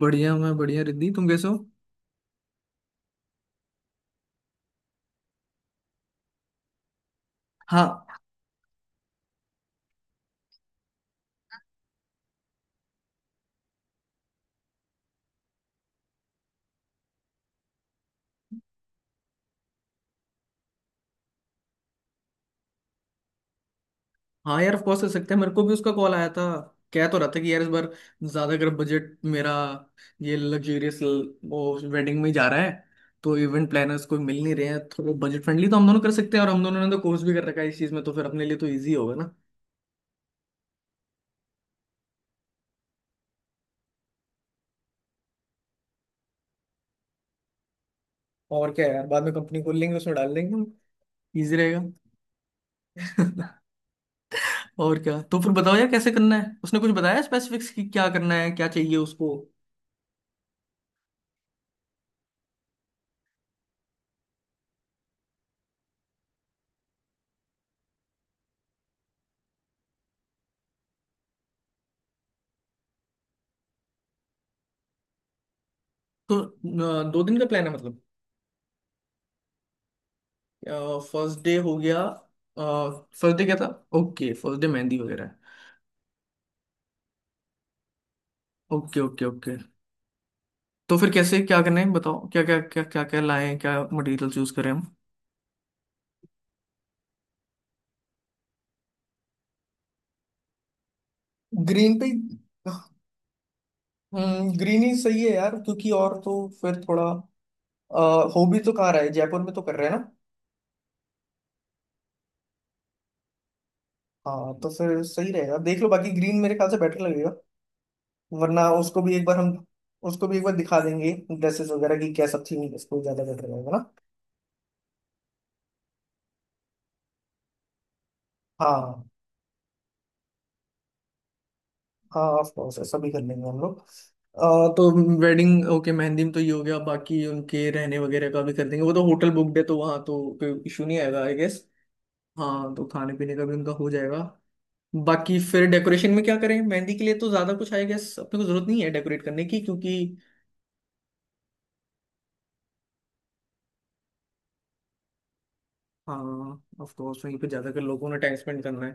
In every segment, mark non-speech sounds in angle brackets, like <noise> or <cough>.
बढ़िया, मैं बढ़िया। रिद्धि तुम कैसे हो? हाँ। हाँ यार, ऑफ कोर्स कर सकते हैं। मेरे को भी उसका कॉल आया था। कह तो रहा था कि यार, इस बार ज्यादा अगर बजट मेरा ये लग्जरियस वो वेडिंग में ही जा रहा है, तो इवेंट प्लानर्स कोई मिल नहीं रहे हैं थोड़ा बजट फ्रेंडली। तो हम दोनों कर सकते हैं, और हम दोनों ने तो कोर्स भी कर रखा है इस चीज में, तो फिर अपने लिए तो ईजी होगा ना। और क्या यार, बाद में कंपनी खोल लेंगे, उसमें डाल देंगे हम। ईजी रहेगा। <laughs> और क्या। तो फिर बताओ यार, कैसे करना है? उसने कुछ बताया स्पेसिफिक्स कि क्या करना है, क्या चाहिए उसको? तो 2 दिन का प्लान है मतलब। फर्स्ट डे हो गया। फर्स्ट डे क्या था? ओके, फर्स्ट डे मेहंदी वगैरह है। Okay, okay, okay. तो फिर कैसे क्या करना है बताओ? क्या क्या क्या क्या क्या लाएं, क्या मटेरियल चूज करें हम? ग्रीन पे। ग्रीन ही सही है यार, क्योंकि और तो फिर थोड़ा अ, हो भी तो कहाँ रहा है, जयपुर में तो कर रहे हैं ना। हाँ तो फिर सही रहेगा, देख लो, बाकी ग्रीन मेरे ख्याल से बेटर लगेगा। वरना उसको भी एक बार हम उसको भी एक बार दिखा देंगे, ड्रेसेस वगैरह की क्या सब थी, उसको ज्यादा बेटर रहेगा ना। हाँ। हाँ, ऑफ कोर्स ऐसा भी कर लेंगे हम लोग। आ, तो वेडिंग ओके मेहंदी में तो ये हो गया, बाकी उनके रहने वगैरह का भी कर देंगे। वो तो होटल बुकड है, तो वहाँ तो कोई इशू नहीं आएगा आई गेस। हाँ तो खाने पीने का भी उनका हो जाएगा। बाकी फिर डेकोरेशन में क्या करें? मेहंदी के लिए तो ज्यादा कुछ आई गेस अपने को जरूरत नहीं है डेकोरेट करने की, क्योंकि हाँ ऑफ कोर्स वहीं पे ज्यादातर लोगों ने टाइम स्पेंड करना है।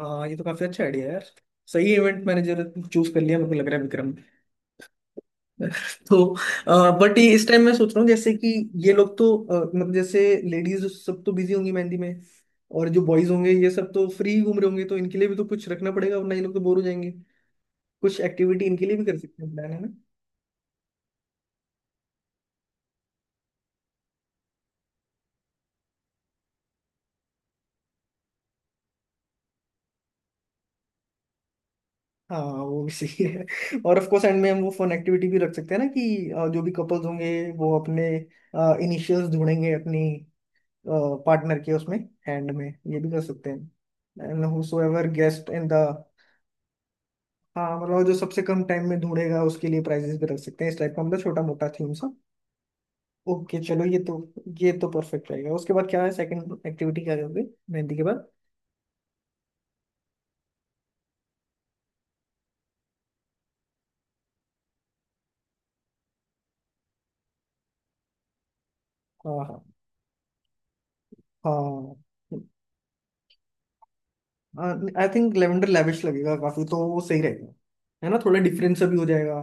हाँ ये तो काफी अच्छा आइडिया है यार। सही इवेंट मैनेजर चूज कर लिया मेरे को लग रहा है विक्रम। <laughs> तो बट ये इस टाइम मैं सोच रहा हूँ जैसे कि ये लोग तो मतलब जैसे लेडीज सब तो बिजी होंगी मेहंदी में, और जो बॉयज होंगे ये सब तो फ्री घूम रहे होंगे, तो इनके लिए भी तो कुछ रखना पड़ेगा, वरना ये लोग तो बोर हो जाएंगे। कुछ एक्टिविटी इनके लिए भी कर सकते हैं, प्लान है ना। हाँ वो भी सही है। और ऑफ कोर्स एंड में हम वो फन एक्टिविटी भी रख सकते हैं ना कि जो भी कपल्स होंगे, वो अपने इनिशियल्स ढूंढेंगे अपनी पार्टनर के, उसमें हैंड में, ये भी कर सकते हैं। And whosoever guest in the. हाँ मतलब जो सबसे कम टाइम में ढूंढेगा उसके लिए प्राइजेस भी रख सकते हैं, इस टाइप का, मतलब छोटा मोटा थीम सा। ओके चलो, ये तो परफेक्ट रहेगा। उसके बाद क्या है? सेकंड एक्टिविटी क्या करोगे मेहंदी के बाद? हाँ। हाँ। हाँ आई थिंक लेवेंडर लेविश लगेगा काफी, तो वो सही रहेगा। है ना, थोड़ा डिफरेंस सा भी हो जाएगा।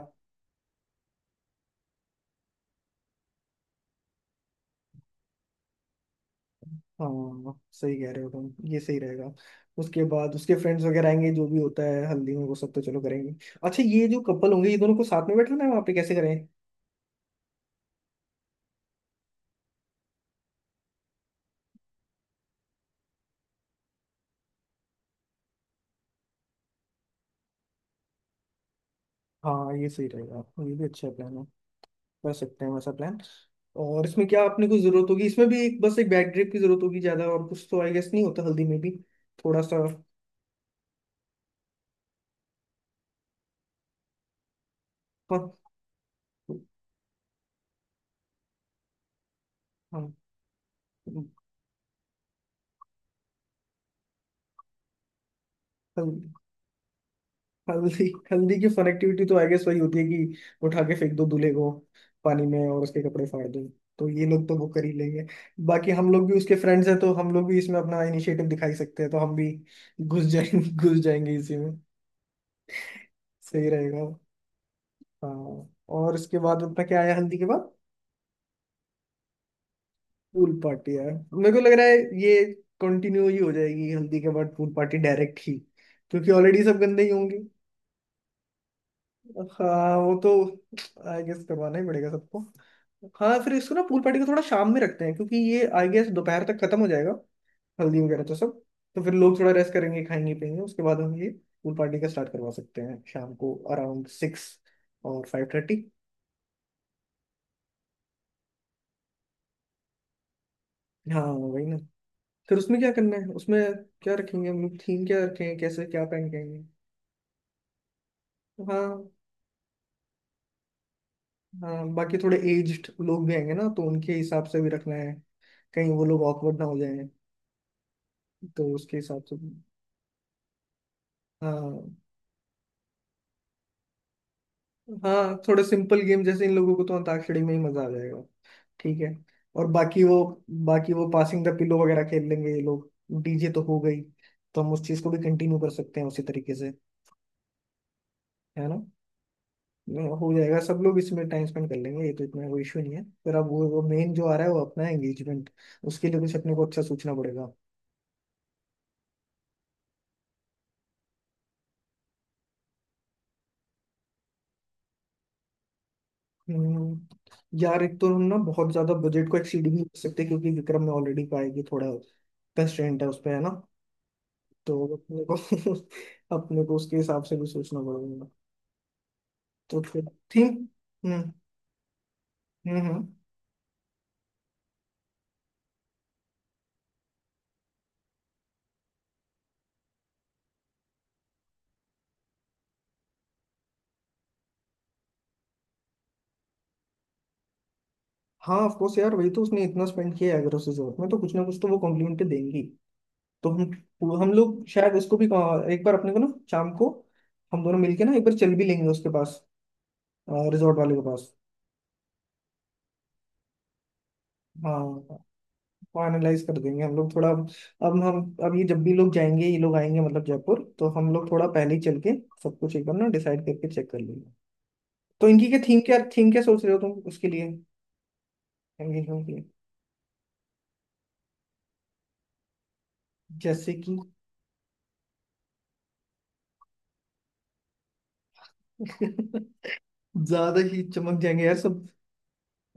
हाँ सही कह रहे हो तुम, ये सही रहेगा। उसके बाद उसके फ्रेंड्स वगैरह आएंगे, जो भी होता है हल्दी में वो सब तो चलो करेंगे। अच्छा ये जो कपल होंगे, ये दोनों को साथ में बैठना है, वहाँ पे कैसे करें? हाँ ये सही रहेगा, ये भी अच्छा प्लान है, कर सकते हैं वैसा प्लान। और इसमें क्या आपने कुछ जरूरत होगी? इसमें भी एक बस एक बैक ड्रिप की जरूरत होगी ज्यादा, और कुछ तो आई गेस नहीं होता हल्दी में भी, थोड़ा सा। हाँ। हाँ, हल्दी। हल्दी हल्दी की फन एक्टिविटी तो आई गेस वही होती है कि उठा के फेंक दो दूल्हे को पानी में और उसके कपड़े फाड़ दो। तो ये लोग तो वो कर ही लेंगे। बाकी हम लोग भी उसके फ्रेंड्स हैं, तो हम लोग भी इसमें अपना इनिशिएटिव दिखाई सकते हैं, तो हम भी घुस जाएंगे। <laughs> घुस जाएंगे इसी में, सही रहेगा। हाँ। और इसके बाद अपना क्या आया हल्दी के बाद? पूल पार्टी यार मेरे को लग रहा है ये कंटिन्यू ही हो जाएगी हल्दी के बाद, पूल पार्टी डायरेक्ट ही, क्योंकि ऑलरेडी सब गंदे ही होंगे। हाँ वो तो आई गेस करवाना ही पड़ेगा सबको। हाँ फिर इसको ना पूल पार्टी को थोड़ा शाम में रखते हैं, क्योंकि ये आई गेस दोपहर तक खत्म हो जाएगा हल्दी वगैरह तो सब। तो फिर लोग थोड़ा रेस्ट करेंगे, खाएंगे, पियेंगे, उसके बाद हम ये पूल पार्टी का स्टार्ट करवा सकते हैं शाम को अराउंड 6 और 5:30। हाँ वही ना। फिर उसमें क्या करना है? उसमें क्या रखेंगे हम लोग? थीम क्या रखेंगे? कैसे क्या पहन के आएंगे? हाँ। हाँ, बाकी थोड़े एज्ड लोग भी आएंगे ना, तो उनके हिसाब से भी रखना है, कहीं वो लोग ऑकवर्ड ना हो जाए, तो उसके हिसाब से भी। हाँ। हाँ थोड़े सिंपल गेम, जैसे इन लोगों को तो अंताक्षरी में ही मजा आ जाएगा। ठीक है। और बाकी वो पासिंग द पिलो वगैरह खेल लेंगे ये लोग। डीजे तो हो गई, तो हम उस चीज को भी कंटिन्यू कर सकते हैं उसी तरीके से, है ना। हो जाएगा, सब लोग इसमें टाइम स्पेंड कर लेंगे, ये तो इतना कोई इशू नहीं है। फिर अब वो मेन जो आ रहा है वो अपना एंगेजमेंट, उसके लिए कुछ अपने को अच्छा सोचना पड़ेगा। यार एक तो हम ना बहुत ज्यादा बजट को एक्सीड भी नहीं कर सकते, क्योंकि विक्रम में ऑलरेडी पाएगी थोड़ा कंस्ट्रेंट है उस पे, है ना। तो अपने को <laughs> अपने को उसके हिसाब से भी सोचना पड़ेगा। तो फिर थीम। हम्म। हम्म। हम्म। हाँ ऑफ कोर्स यार, वही तो, उसने इतना स्पेंड किया है, अगर उसे जरूरत में तो कुछ ना कुछ तो वो कॉम्प्लीमेंट देंगी। तो हम लोग शायद उसको भी एक बार अपने को ना शाम को हम दोनों मिलके ना एक बार चल भी लेंगे उसके पास, रिजॉर्ट वाले के पास। हाँ फाइनलाइज कर देंगे हम लोग थोड़ा। अब हम अब ये जब भी लोग जाएंगे, ये लोग आएंगे मतलब जयपुर, तो हम लोग थोड़ा पहले ही चल के सब कुछ एक बार ना डिसाइड करके चेक कर लेंगे। तो इनकी क्या थीम, क्या थीम क्या सोच रहे हो तुम उसके लिए एंगेजमेंट के लिए जैसे कि? <laughs> ज्यादा ही चमक जाएंगे यार सब।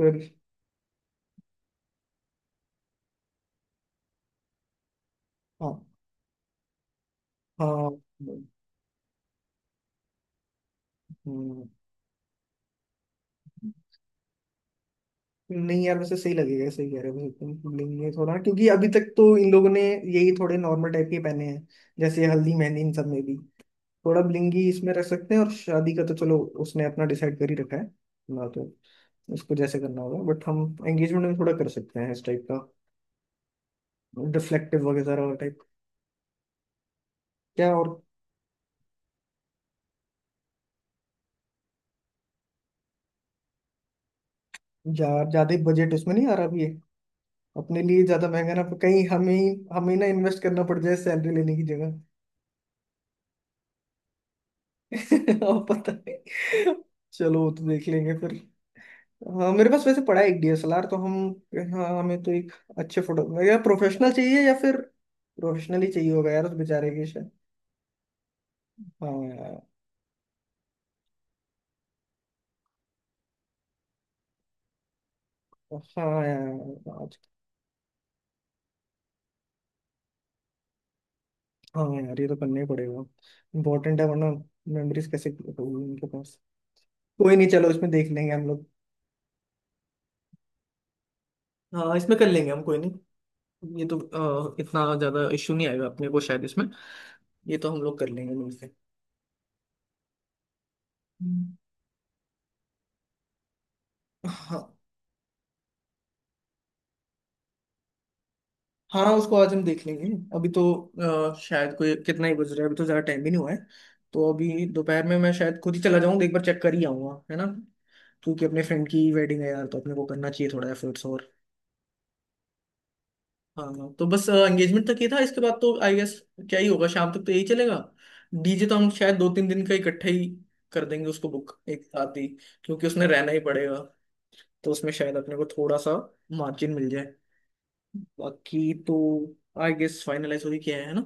फिर। हाँ। हाँ। हम्म, नहीं यार वैसे सही लगेगा, सही कह रहे हो वैसे। तुम लेंगे थोड़ा क्योंकि अभी तक तो इन लोगों ने यही थोड़े नॉर्मल टाइप के पहने हैं, जैसे हल्दी मेहंदी इन सब में भी, थोड़ा ब्लिंगी इसमें रख सकते हैं, और शादी का तो चलो उसने अपना डिसाइड कर ही रखा है ना, तो उसको जैसे करना होगा, बट हम एंगेजमेंट में थोड़ा कर सकते हैं इस टाइप का, डिफ्लेक्टिव वगैरह टाइप। क्या? और ज्यादा बजट उसमें नहीं आ रहा अभी ये, अपने लिए ज्यादा महंगा ना कहीं हमें ही, हमें ना इन्वेस्ट करना पड़ जाए सैलरी लेने की जगह। <laughs> और पता नहीं, चलो वो तो देख लेंगे फिर। हाँ मेरे पास वैसे पड़ा है एक डीएसएलआर, तो हम। हाँ हमें तो एक अच्छे फोटो या प्रोफेशनल चाहिए, या फिर प्रोफेशनल ही चाहिए होगा यार उस बेचारे की। हाँ यार। हाँ यार आज। हाँ यार ये तो करना ही पड़ेगा, इम्पोर्टेंट है, वरना मेमोरीज कैसे होगी उनके पास। कोई नहीं चलो, इसमें देख लेंगे हम लोग। हाँ इसमें कर लेंगे हम, कोई नहीं। ये तो इतना ज्यादा इश्यू नहीं आएगा अपने को शायद इसमें, ये तो हम लोग कर लेंगे मिलके। हम्म। हाँ। हाँ उसको आज हम देख लेंगे। अभी तो शायद कोई कितना ही बज रहा है अभी, तो ज्यादा टाइम भी नहीं हुआ है, तो अभी दोपहर में मैं शायद खुद ही चला जाऊंगा, एक बार चेक कर ही आऊंगा, है ना। क्योंकि अपने फ्रेंड की वेडिंग है यार, तो अपने को करना चाहिए थोड़ा एफर्ट्स। हाँ तो बस एंगेजमेंट तक ही था, इसके बाद तो आई गेस क्या ही होगा, शाम तक तो यही चलेगा। डीजे तो हम शायद 2-3 दिन का इकट्ठा ही कर देंगे उसको बुक एक साथ ही, क्योंकि उसने रहना ही पड़ेगा, तो उसमें शायद अपने को थोड़ा सा मार्जिन मिल जाए बाकी तो। आई गेस फाइनलाइज हो ही किया है ना।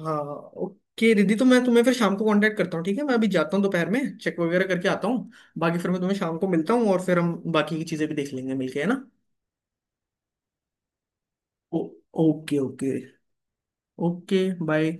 हाँ। ओके रिद्धि, तो मैं तुम्हें फिर शाम को कांटेक्ट करता हूँ, ठीक है? मैं अभी जाता हूँ, दोपहर में चेक वगैरह करके आता हूँ, बाकी फिर मैं तुम्हें शाम को मिलता हूँ, और फिर हम बाकी की चीज़ें भी देख लेंगे मिलके, है ना। ओ, ओके ओके। Okay bye.